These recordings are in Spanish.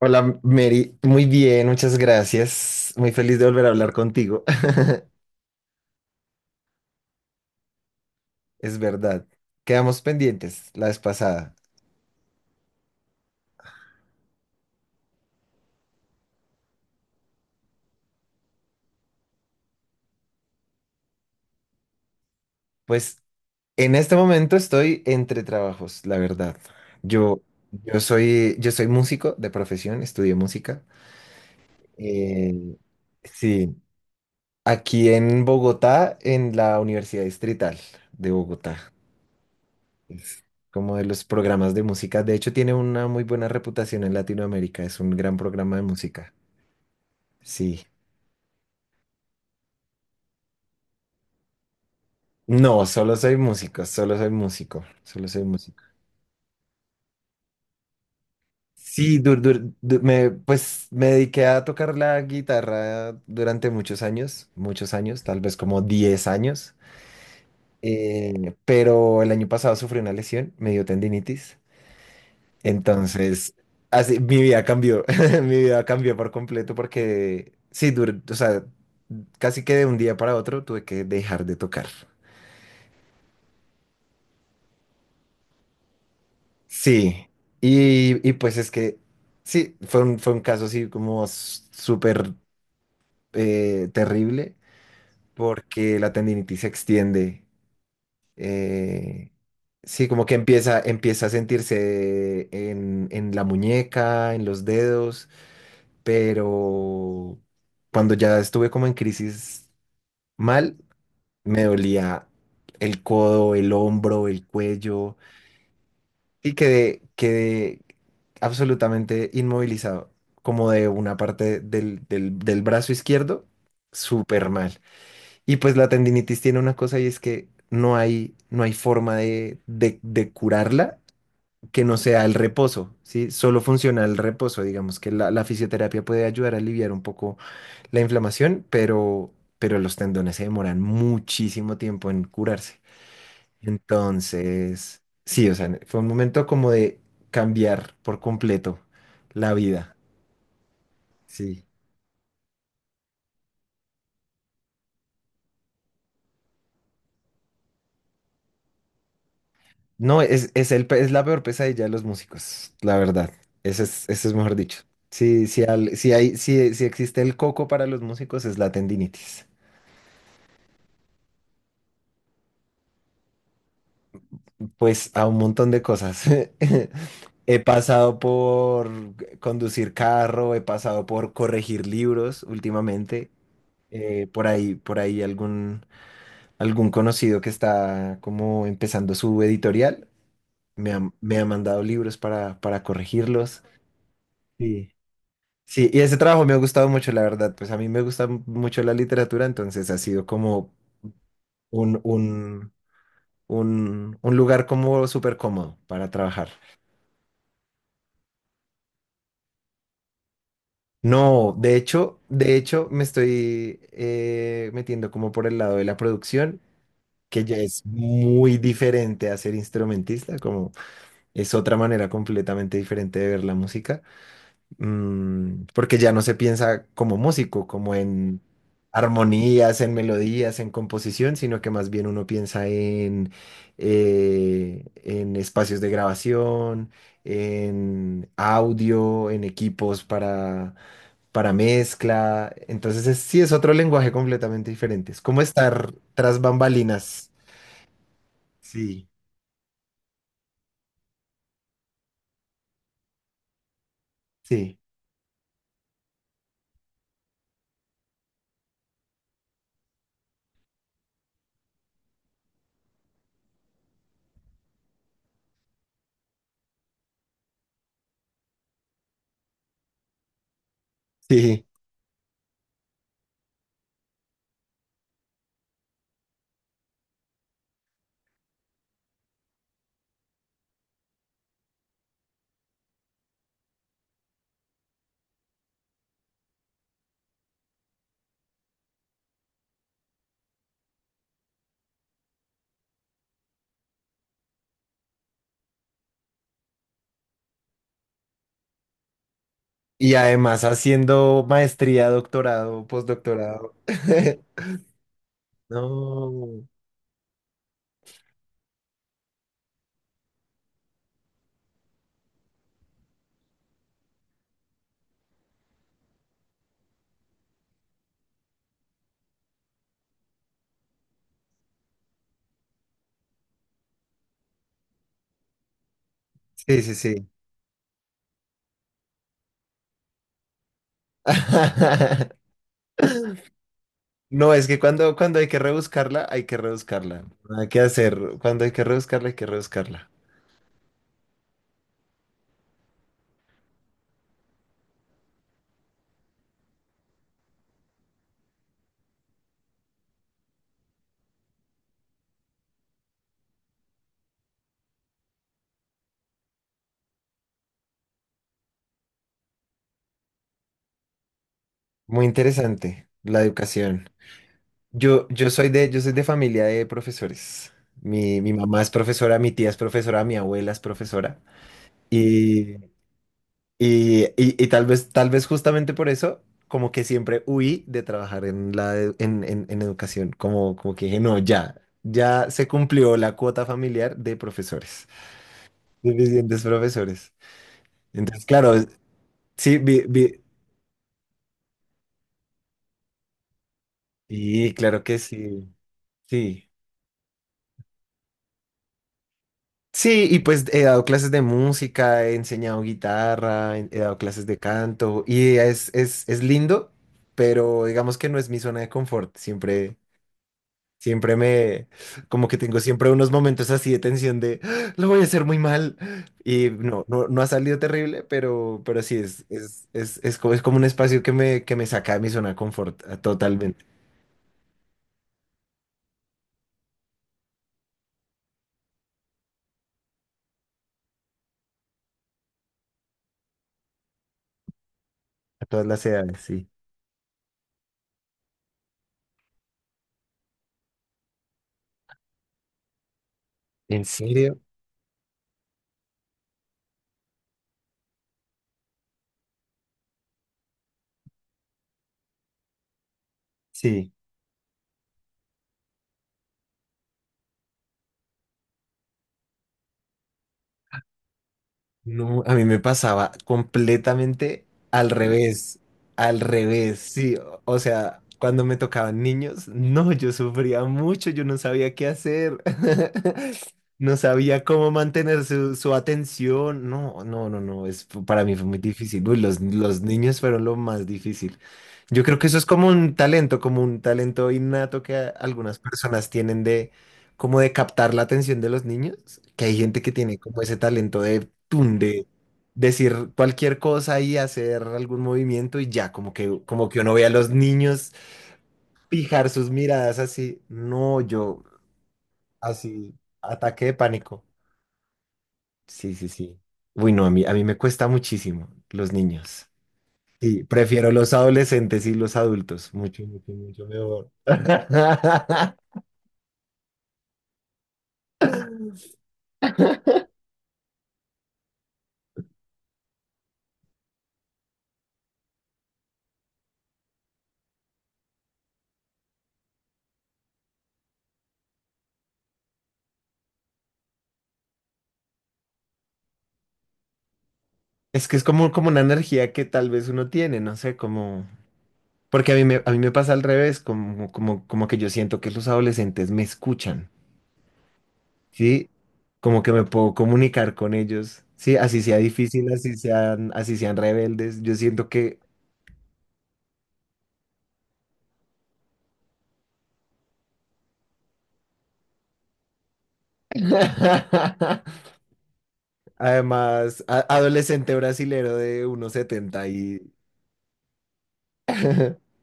Hola Mary, muy bien, muchas gracias. Muy feliz de volver a hablar contigo. Es verdad, quedamos pendientes la vez pasada. Pues en este momento estoy entre trabajos, la verdad. Yo, yo soy músico de profesión, estudié música. Eh, sí, aquí en Bogotá, en la Universidad Distrital de Bogotá. Es como de los programas de música. De hecho, tiene una muy buena reputación en Latinoamérica. Es un gran programa de música. Sí. No, solo soy músico, solo soy músico, solo soy músico. Sí, pues me dediqué a tocar la guitarra durante muchos años, tal vez como 10 años. Pero el año pasado sufrí una lesión, me dio tendinitis, entonces así, mi vida cambió, mi vida cambió por completo porque sí, o sea, casi que de un día para otro tuve que dejar de tocar. Sí, y pues es que sí, fue un caso así como súper terrible porque la tendinitis se extiende. eh, sí, como que empieza a sentirse en la muñeca, en los dedos, pero cuando ya estuve como en crisis mal, me dolía el codo, el hombro, el cuello. Y quedé absolutamente inmovilizado, como de una parte del brazo izquierdo, súper mal. Y pues la tendinitis tiene una cosa y es que no hay forma de curarla que no sea el reposo, ¿sí? Solo funciona el reposo, digamos que la fisioterapia puede ayudar a aliviar un poco la inflamación, pero los tendones se demoran muchísimo tiempo en curarse. Entonces, sí, o sea, fue un momento como de cambiar por completo la vida. Sí. No, es la peor pesadilla de los músicos, la verdad. Ese es mejor dicho. Sí, sí, sí existe el coco para los músicos, es la tendinitis. Pues a un montón de cosas. He pasado por conducir carro, he pasado por corregir libros últimamente. Por ahí, algún conocido que está como empezando su editorial, me ha mandado libros para corregirlos. Sí sí, y ese trabajo me ha gustado mucho, la verdad. Pues a mí me gusta mucho la literatura, entonces ha sido como un, un, un lugar como súper cómodo para trabajar. No, de hecho me estoy metiendo como por el lado de la producción, que ya es muy diferente a ser instrumentista, como es otra manera completamente diferente de ver la música. Mm, porque ya no se piensa como músico, como en armonías, en melodías, en composición, sino que más bien uno piensa en espacios de grabación, en audio, en equipos para mezcla. Entonces sí es otro lenguaje completamente diferente. Es como estar tras bambalinas. Sí, sí, sí. Y además haciendo maestría, doctorado, postdoctorado. No. Sí, sí, sí. No, es que cuando hay que rebuscarla, hay que rebuscarla. No hay que hacer, cuando hay que rebuscarla, hay que rebuscarla. Muy interesante la educación. Yo soy de familia de profesores. Mi mamá es profesora, mi tía es profesora, mi abuela es profesora. Y, y- y tal vez justamente por eso, como que siempre huí de trabajar en la e- en educación, como, como que dije, no, ya, ya se cumplió la cuota familiar de profesores, suficientes profesores. Entonces, claro, sí, sí, claro que sí, sí. Sí, y pues he dado clases de música, he enseñado guitarra, he dado clases de canto, y es lindo, pero digamos que no es mi zona de confort, siempre. Siempre me, como que tengo siempre unos momentos así de tensión de, "Ah, lo voy a hacer muy mal". Y no, no, no ha salido terrible, pero sí, es como un espacio que me saca de mi zona de confort totalmente, a todas las edades, sí. ¿En serio? Sí. No, a mí me pasaba completamente al revés, sí, o sea, cuando me tocaban niños, no, yo sufría mucho, yo no sabía qué hacer, no sabía cómo mantener su atención, no, no, no, no, es, para mí fue muy difícil. Uy, los niños fueron lo más difícil. Yo creo que eso es como un talento innato que algunas personas tienen de como de captar la atención de los niños, que hay gente que tiene como ese talento de, tun, de decir cualquier cosa y hacer algún movimiento y ya, como que uno ve a los niños fijar sus miradas así, no, yo, así, ataque de pánico. Sí, sí, sí. Uy, no, a mí me cuesta muchísimo los niños. Sí, prefiero los adolescentes y los adultos, mucho, mucho, mucho mejor. Es que es como, como una energía que tal vez uno tiene, no sé, como... Porque a mí me pasa al revés, como, como, como que yo siento que los adolescentes me escuchan, ¿sí? Como que me puedo comunicar con ellos, ¿sí? Así sea difícil, así sean rebeldes. Yo siento que, además, adolescente brasilero de 1,70 y...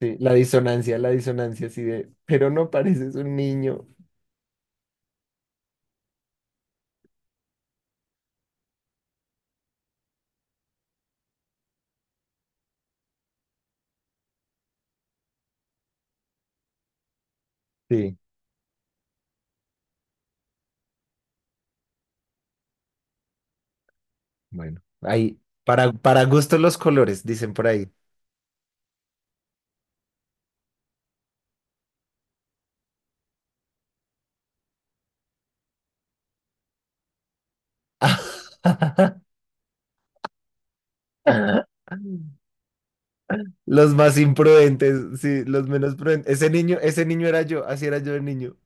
Sí, la disonancia así de, pero no pareces un niño. Sí, bueno, ahí, para gusto los colores, dicen por ahí. Los más imprudentes, sí, los menos prudentes. Ese niño era yo, así era yo de niño.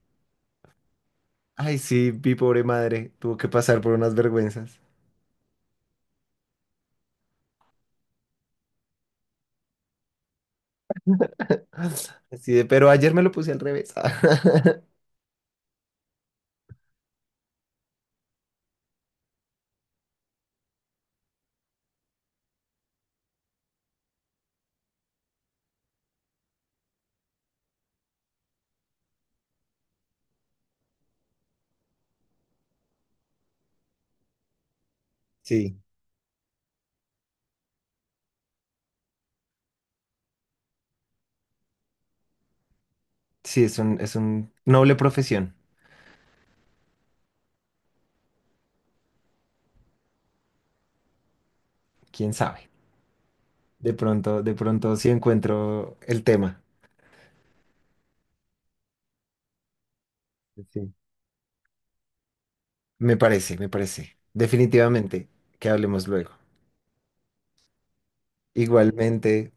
Ay, sí, mi pobre madre, tuvo que pasar por unas vergüenzas. Así de, pero ayer me lo puse al revés. Sí, sí, es un noble profesión, quién sabe. De pronto sí encuentro el tema. Sí. Me parece, me parece. Definitivamente, que hablemos luego. Igualmente.